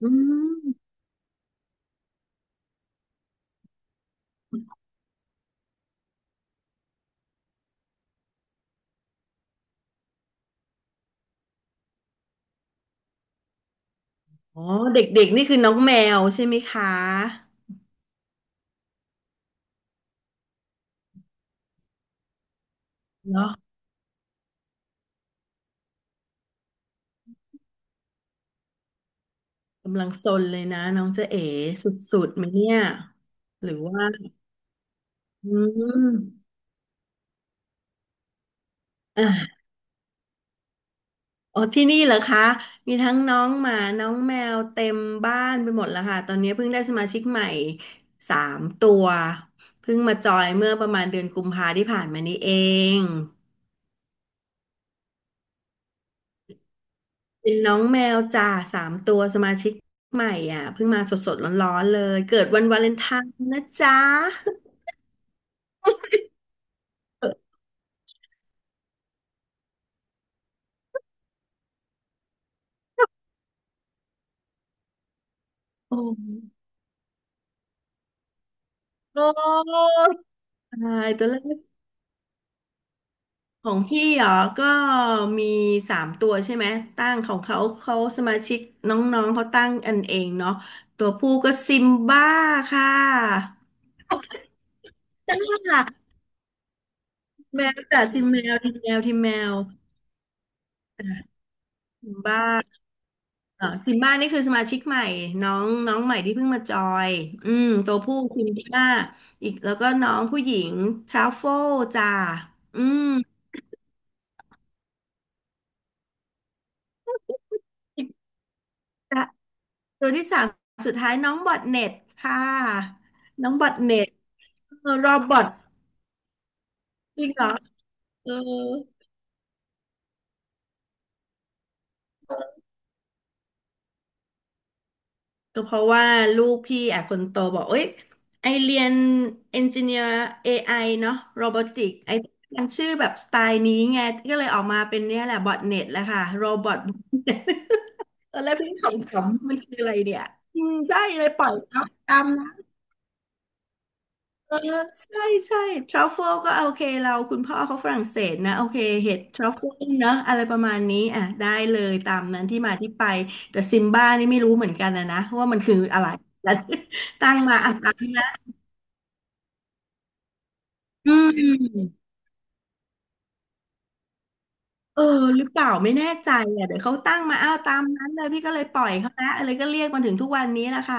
อืมอ๋อ เด็กๆ นี่คือน้องแมวใช่ไหมคะเนาะกำลังซนเลยนะน้องเจ๊เอ๋สุดๆไหมเนี่ย หรือว่าอืมอ่ะอ๋อ ที่นี่เหรอคะ มีทั้งน้องหมาน้องแมวเต็มบ้านไปหมดแล้วค่ะ ตอนนี้เพิ่งได้สมาชิกใหม่สามตัวเพิ่งมาจอยเมื่อประมาณเดือนกุมภาที่ผ่านมานี้เอง เป็นน้องแมวจ่าสามตัวสมาชิกใหม่อ่ะเพิ่งมาสดๆร้อนๆเลยเกิดวันวาเลนไทน์นะจ๊ะโอ้โอ้ตายตัวเลือกของพี่เหรอก็มีสามตัวใช่ไหมตั้งของเขาเขาสมาชิกน้องๆเขาตั้งอันเองเนาะตัวผู้ก็ซิมบ้าค่ะจ้าแมวจ้ะทีมแมวทีมแมวทีมแมวซิมบ้า อ๋อซิมบ้านี่คือสมาชิกใหม่น้องน้องใหม่ที่เพิ่งมาจอยอืมตัวผู้ซิมบ้าอีกแล้วก็น้องผู้หญิงทราโฟลจ้าอืมตัวที่สามสุดท้ายน้องบอทเน็ตค่ะน้องบอทเน็ตเออรอบบอทจริงเหรอเออก็เพราะว่าลูกพี่อ่ะคนโตบอกเอ้ยไอเรียนเอนจิเนียร์ AI เนาะโรบอติกไอมันชื่อแบบสไตล์นี้ไงก็เลยออกมาเป็นเนี่ยแหละบอทเน็ตแหละค่ะโรบอท เออแล้วพี่ขำๆมันคืออะไรเนี่ยอืมใช่เลยปล่อยเอาตามนะเออใช่ใช่ทรัฟเฟิลก็โอเคเราคุณพ่อเขาฝรั่งเศสนะโอเคเห็ดทรัฟเฟิลเนอะอะไรประมาณนี้อ่ะได้เลยตามนั้นที่มาที่ไปแต่ซิมบ้านี่ไม่รู้เหมือนกันนะว่ามันคืออะไร ตั้งมาอ่ะตามนะอืม เออหรือเปล่าไม่แน่ใจอ่ะเดี๋ยวเขาตั้งมาอ้าวตามนั้นเลยพี่ก็เลยปล่อยเขาละอะไรก็เรียกมาถึงทุกวันนี้แหละค่ะ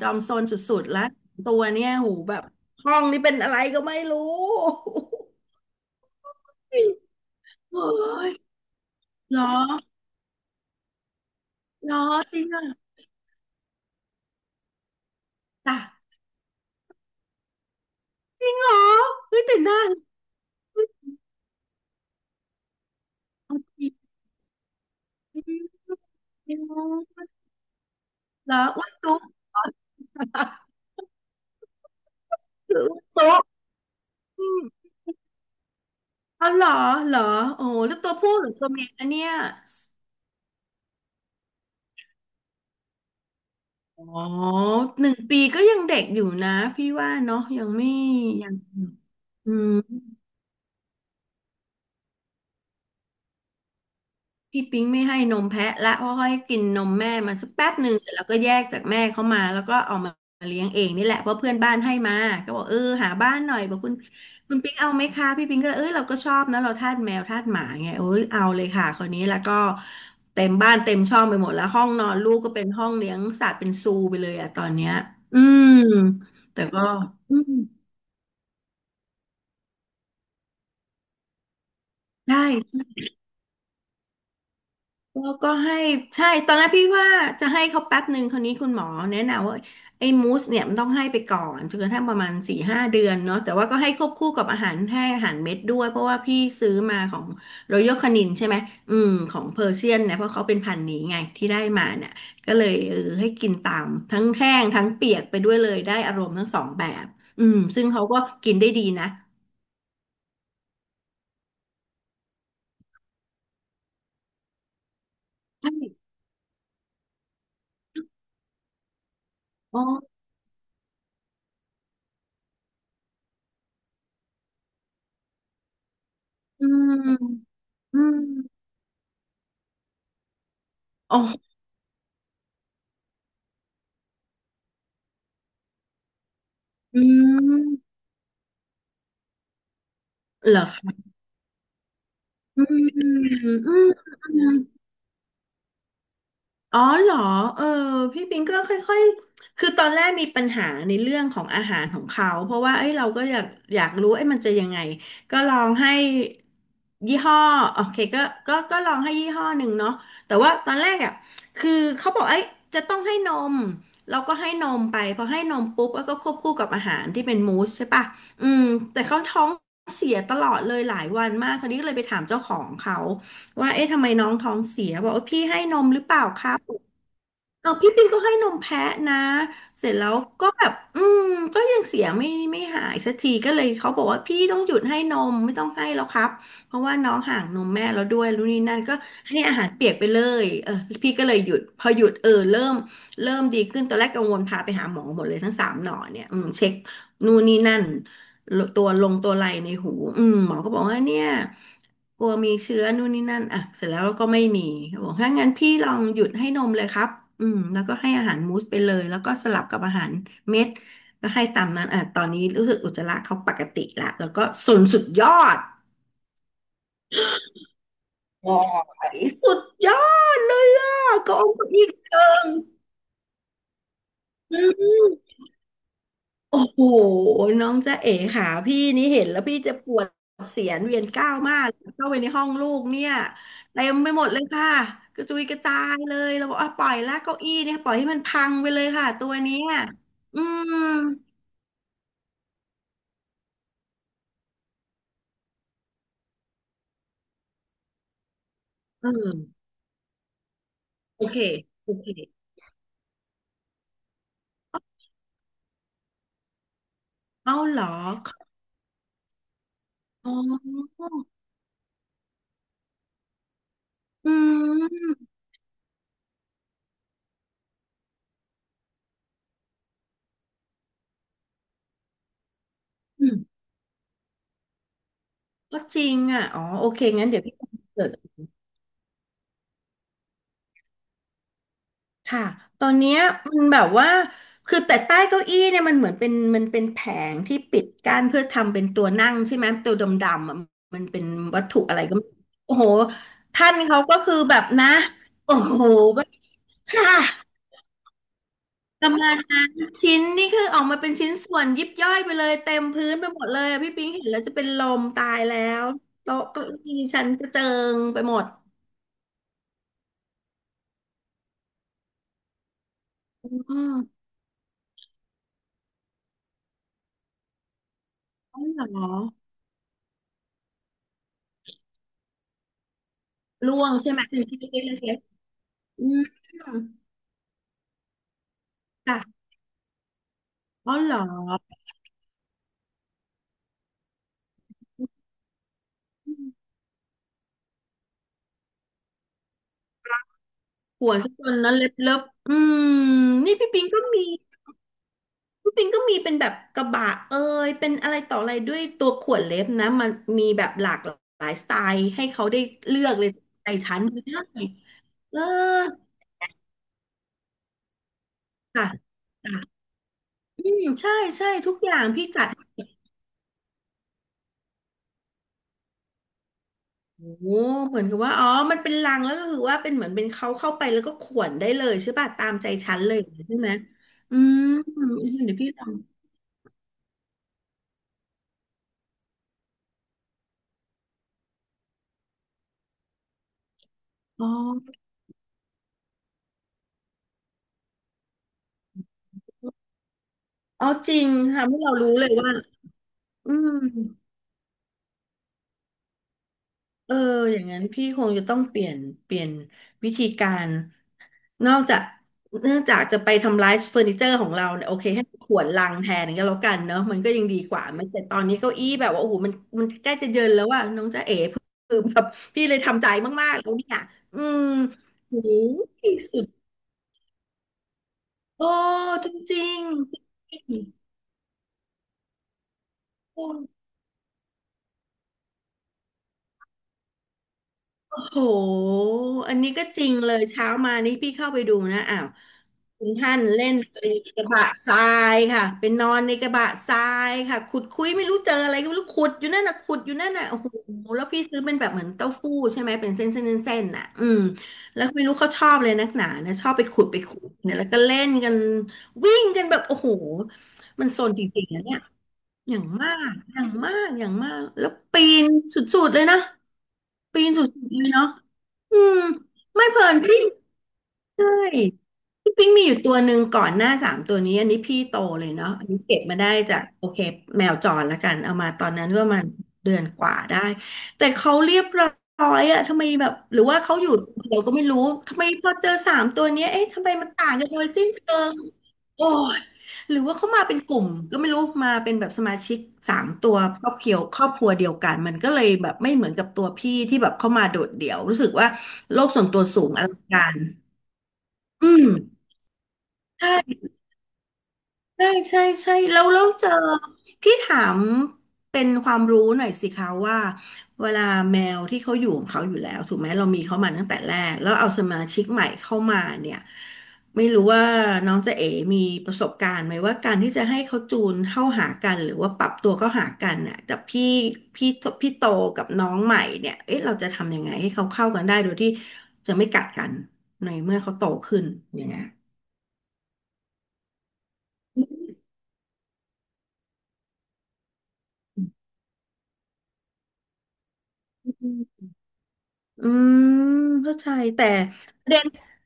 จอมซนสุดๆแล้วตัวเนี่ยหูแบบห้องนี้เป็นอะไรก็ไม่รู้โอ้ยเหรอเหรอจริงอ่ะจ้ะจริงเหรอเฮ้ยแต่น่าเหรออ้วนตุ๊กหรืออ้วนตุ๊กอืมเอาเหรอเหรอโอ้แล้วตัวผู้หรือตัวเมียอันเนี้ย อ๋อหนึ่งปีก็ยังเด็กอยู่นะพี่ว่าเนาะยังไม่ยังอืมพี่ปิ๊งไม่ให้นมแพะละเพราะให้กินนมแม่มาสักแป๊บหนึ่งเสร็จแล้วก็แยกจากแม่เข้ามาแล้วก็เอามาเลี้ยงเองนี่แหละเพราะเพื่อนบ้านให้มาก็บอกเออหาบ้านหน่อยบอกคุณปิ๊งเอาไหมคะพี่ปิ๊งก็เลยเออเราก็ชอบนะเราทาสแมวทาสหมาไงเออเอาเลยค่ะคนนี้แล้วก็เต็มบ้านเต็มช่องไปหมดแล้วห้องนอนลูกก็เป็นห้องเลี้ยงสัตว์เป็นซูไปเลยอะตอนเนี้ยอืมแต่ก็ ใช่แล้วก็ให้ใช่ตอนแรกพี่ว่าจะให้เขาแป๊บหนึ่งคราวนี้คุณหมอแนะนำว่าไอ้มูสเนี่ยมันต้องให้ไปก่อนจนกระทั่งประมาณสี่ห้าเดือนเนาะแต่ว่าก็ให้ควบคู่กับอาหารให้อาหารเม็ดด้วยเพราะว่าพี่ซื้อมาของรอยัลคานินใช่ไหมอืมของเพอร์เซียนเนี่ยเพราะเขาเป็นพันธุ์นี้ไงที่ได้มาเนี่ยก็เลยเออให้กินตามทั้งแห้งทั้งเปียกไปด้วยเลยได้อารมณ์ทั้งสองแบบอืมซึ่งเขาก็กินได้ดีนะใช่อ๋ออืมอืมอ๋ออืม เหรอคะอืมอืมอืมอ๋อเหรอเออพี่ปิงก็ค่อยๆคือตอนแรกมีปัญหาในเรื่องของอาหารของเขาเพราะว่าเอ้ยเราก็อยากรู้เอ้ยมันจะยังไงก็ลองให้ยี่ห้อโอเคก็ลองให้ยี่ห้อหนึ่งเนาะแต่ว่าตอนแรกอ่ะคือเขาบอกเอ้ยจะต้องให้นมเราก็ให้นมไปพอให้นมปุ๊บแล้วก็ควบคู่กับอาหารที่เป็นมูสใช่ปะอืมแต่เขาท้องเสียตลอดเลยหลายวันมากคราวนี้ก็เลยไปถามเจ้าของเขา ว่าเอ๊ะทำไมน้องท้องเสียบอกว่าพี่ให้นมหรือเปล่าครับเออพี่ปิงก็ให้นมแพะนะเสร็จแล้วก็แบบอืมก็ยังเสียไม่หายสักทีก็เลยเขาบอกว่าพี่ต้องหยุดให้นมไม่ต้องให้แล้วครับเพราะว่าน้องห่างนมแม่แล้วด้วยรู้นี่นั่นก็ให้อาหารเปียกไปเลยเออพี่ก็เลยหยุดพอหยุดเออเริ่มดีขึ้นตอนแรกกังวลพาไปหาหมอหมดเลยทั้งสามหนอเนี่ยอืมเช็คนู่นนี่นั่น ตัวลงตัวไหลในหูหมอก็บอกว่าเนี่ยกลัวมีเชื้อนู่นนี่นั่นอ่ะเสร็จแล้วก็ไม่มีเขาบอกถ้างั้นพี่ลองหยุดให้นมเลยครับแล้วก็ให้อาหารมูสไปเลยแล้วก็สลับกับอาหารเม็ดก็ให้ตามนั้นอ่ะตอนนี้รู้สึกอุจจาระเขาปกติละแล้วก็สุนสุดยอดโอ๋อสุดยอดเลยอ่ะก็องค์อีกเกิงอืม โอ้โหน้องจ๊ะเอ๋ค่ะพี่นี่เห็นแล้วพี่จะปวดเสียนเวียนก้าวมากเข้าไปในห้องลูกเนี่ยเต็มไปหมดเลยค่ะกระจุยกระจายเลยเราบอกอ่ะปล่อยละเก้าอี้เนี่ยปล่อยให้มันพังไปเลยค่ะตัวเนี้ยอืมเออโอเคโอเคเอาเหรออ๋ออืมอืมก็จริงอ่ะอ๋อโอเคงั้นเดี๋ยวพี่เกิด ค่ะ ตอนเนี้ยมันแบบว่า คือแต่ใต้เก้าอี้เนี่ยมันเหมือนเป็นมันเป็นแผงที่ปิดกั้นเพื่อทำเป็นตัวนั่งใช่ไหมตัวดำๆอะมันเป็นวัตถุอะไรก็ไม่โอ้โหท่านเขาก็คือแบบนะโอ้โหแบบค่ะประมาณนั้นชิ้นนี่คือออกมาเป็นชิ้นส่วนยิบย่อยไปเลยเต็มพื้นไปหมดเลยอะพี่ปิงเห็นแล้วจะเป็นลมตายแล้วโต๊ะเก้าอี้ฉันกระเจิงไปหมดอ๋ออ๋อเหรอร่วงใช่ไหมเป็นชิ้นเล็กๆอืม ค่ะอ๋อเหรอปวดทุกคนนะเล็บเล็บอืมนี่พี่ปิงก็มีเป็นแบบกระบะเอ่ยเป็นอะไรต่ออะไรด้วยตัวขวดเล็บนะมันมีแบบหลากหลายสไตล์ให้เขาได้เลือกเลยใจฉันไม่ได้เออค่ะค่ะอืมใช่ใช่ทุกอย่างพี่จัดให้โอ้โหเหมือนกับว่าอ๋อมันเป็นลังแล้วก็คือว่าเป็นเหมือนเป็นเขาเข้าไปแล้วก็ขวนได้เลยใช่ป่ะตามใจฉันเลยใช่ไหมอืมเดี๋ยวพี่ลองอ๋อ อ๋อจริงทำให้เรารู้เลยว่าอืมเอออย่างนั้นพี่คงจะต้องเปลี่ยนเปลี่ยนวิธีการนอกจากเนื่องจากจะไปทำลายเฟอร์นิเจอร์ของเราเนี่ยโอเคให้ขวนลังแทนก็แล้วกันเนอะมันก็ยังดีกว่ามันแต่ตอนนี้เก้าอี้แบบว่าโอ้โหมันมันใกล้จะเยินแล้วว่าน้องจ๊ะเอ๋คือแบบพี่เลยทำใจมากๆแล้วเนี่ยอืมโหสุดโอ้จริงๆจริง โหอันนี้ก็จริงเลยเช้ามานี่พี่เข้าไปดูนะอ้าวคุณท่านเล่นในกระบะทรายค่ะเป็นนอนในกระบะทรายค่ะขุดคุยไม่รู้เจออะไรก็ไม่รู้ขุดอยู่นั่นน่ะขุดอยู่นั่นน่ะโอ้โหแล้วพี่ซื้อเป็นแบบเหมือนเต้าหู้ใช่ไหมเป็นเส้นเส้นเส้นเส้นน่ะอืมแล้วไม่รู้เขาชอบเลยนักหนานะชอบไปขุดไปขุดเนี่ยแล้วก็เล่นกันวิ่งกันแบบโอ้โหมันโซนจริงๆนะเนี่ยอย่างมากอย่างมากอย่างมากแล้วปีนสุดๆเลยนะปีนสุดๆเลยเนาะ อืมไม่เพลินพี่ ใช่พี่ปิ๊งมีอยู่ตัวหนึ่งก่อนหน้าสามตัวนี้อันนี้พี่โตเลยเนาะอันนี้เก็บมาได้จากโอเคแมวจรละกันเอามาตอนนั้นก็ประมาณเดือนกว่าได้แต่เขาเรียบร้อยอะทำไมแบบหรือว่าเขาอยู่เดี๋ยวก็ไม่รู้ทำไมพอเจอสามตัวเนี้ยเอ๊ะทำไมมันต่างกันโดยสิ้นเชิงโอ้ยหรือว่าเขามาเป็นกลุ่มก็ไม่รู้มาเป็นแบบสมาชิกสามตัวครอบครัวเดียวกันมันก็เลยแบบไม่เหมือนกับตัวพี่ที่แบบเข้ามาโดดเดี่ยวรู้สึกว่าโลกส่วนตัวสูงอลังการ อืมใช่ใช่ใช่ใช่แล้วเจอพี่ถามเป็นความรู้หน่อยสิคะว่าเวลาแมวที่เขาอยู่ของเขาอยู่แล้วถูกไหมเรามีเขามาตั้งแต่แรกแล้วเอาสมาชิกใหม่เข้ามาเนี่ยไม่รู้ว่าน้องเจะเอ๋มีประสบการณ์ไหมว่าการที่จะให้เขาจูนเข้าหากันหรือว่าปรับตัวเข้าหากันน่ะกับพี่พี่โตกับน้องใหม่เนี่ยเอ๊ะเราจะทำยังไงให้เขาเข้ากันได้โดยที่จะไม่กัดกันในเมื่อเขาโตขึ้นอย่างเงี้ย อืมเข้าใจแต่ประเด็น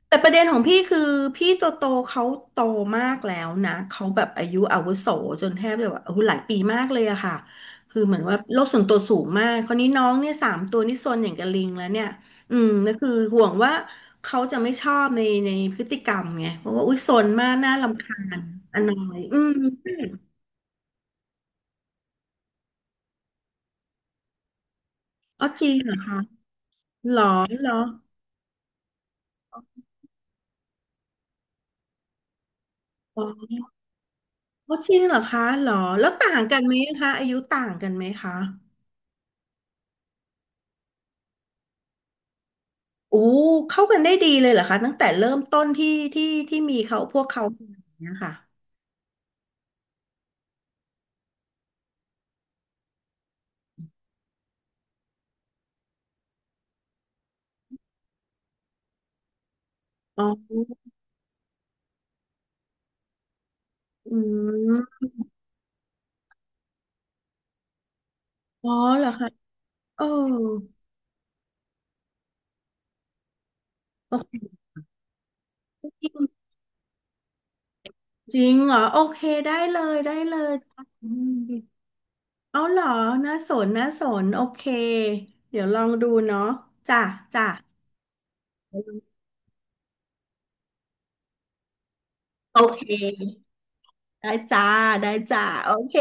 ของพี่คือพี่โตโตเขาโตมากแล้วนะเขาแบบอายุอาวุโสจนแทบจะแบบโอายุหลายปีมากเลยอะค่ะคือเหมือนว่าโลกส่วนตัวสูงมากคราวนี้น้องเนี่ยสามตัวนี่ซนอย่างกับลิงแล้วเนี่ยอืมก็คือห่วงว่าเขาจะไม่ชอบในพฤติกรรมไงเพราะว่าอุ้ยซนมากน่ารำคาญอนอยอืมอ๋อจริงเหรอคะหรอเหรออ๋อ อ๋อจริงเหรอคะเหรอแล้วต่างกันไหมคะอายุต่างกันไหมคะโอ้เข้ากันได้ดีเลยเหรอคะตั้งแต่เริ่มต้นที่ที่มีเขาพวกเขาอย่างเนี้ยค่ะอ๋ออืมอ๋อเหรอคะเออโอเคจริงเหรอโอเคได้เลยได้เลยอืมเอาเหรอน่าสนน่าสนโอเคเดี๋ยวลองดูเนาะจ้ะจ้ะโอเคได้จ้าได้จ้าโอเค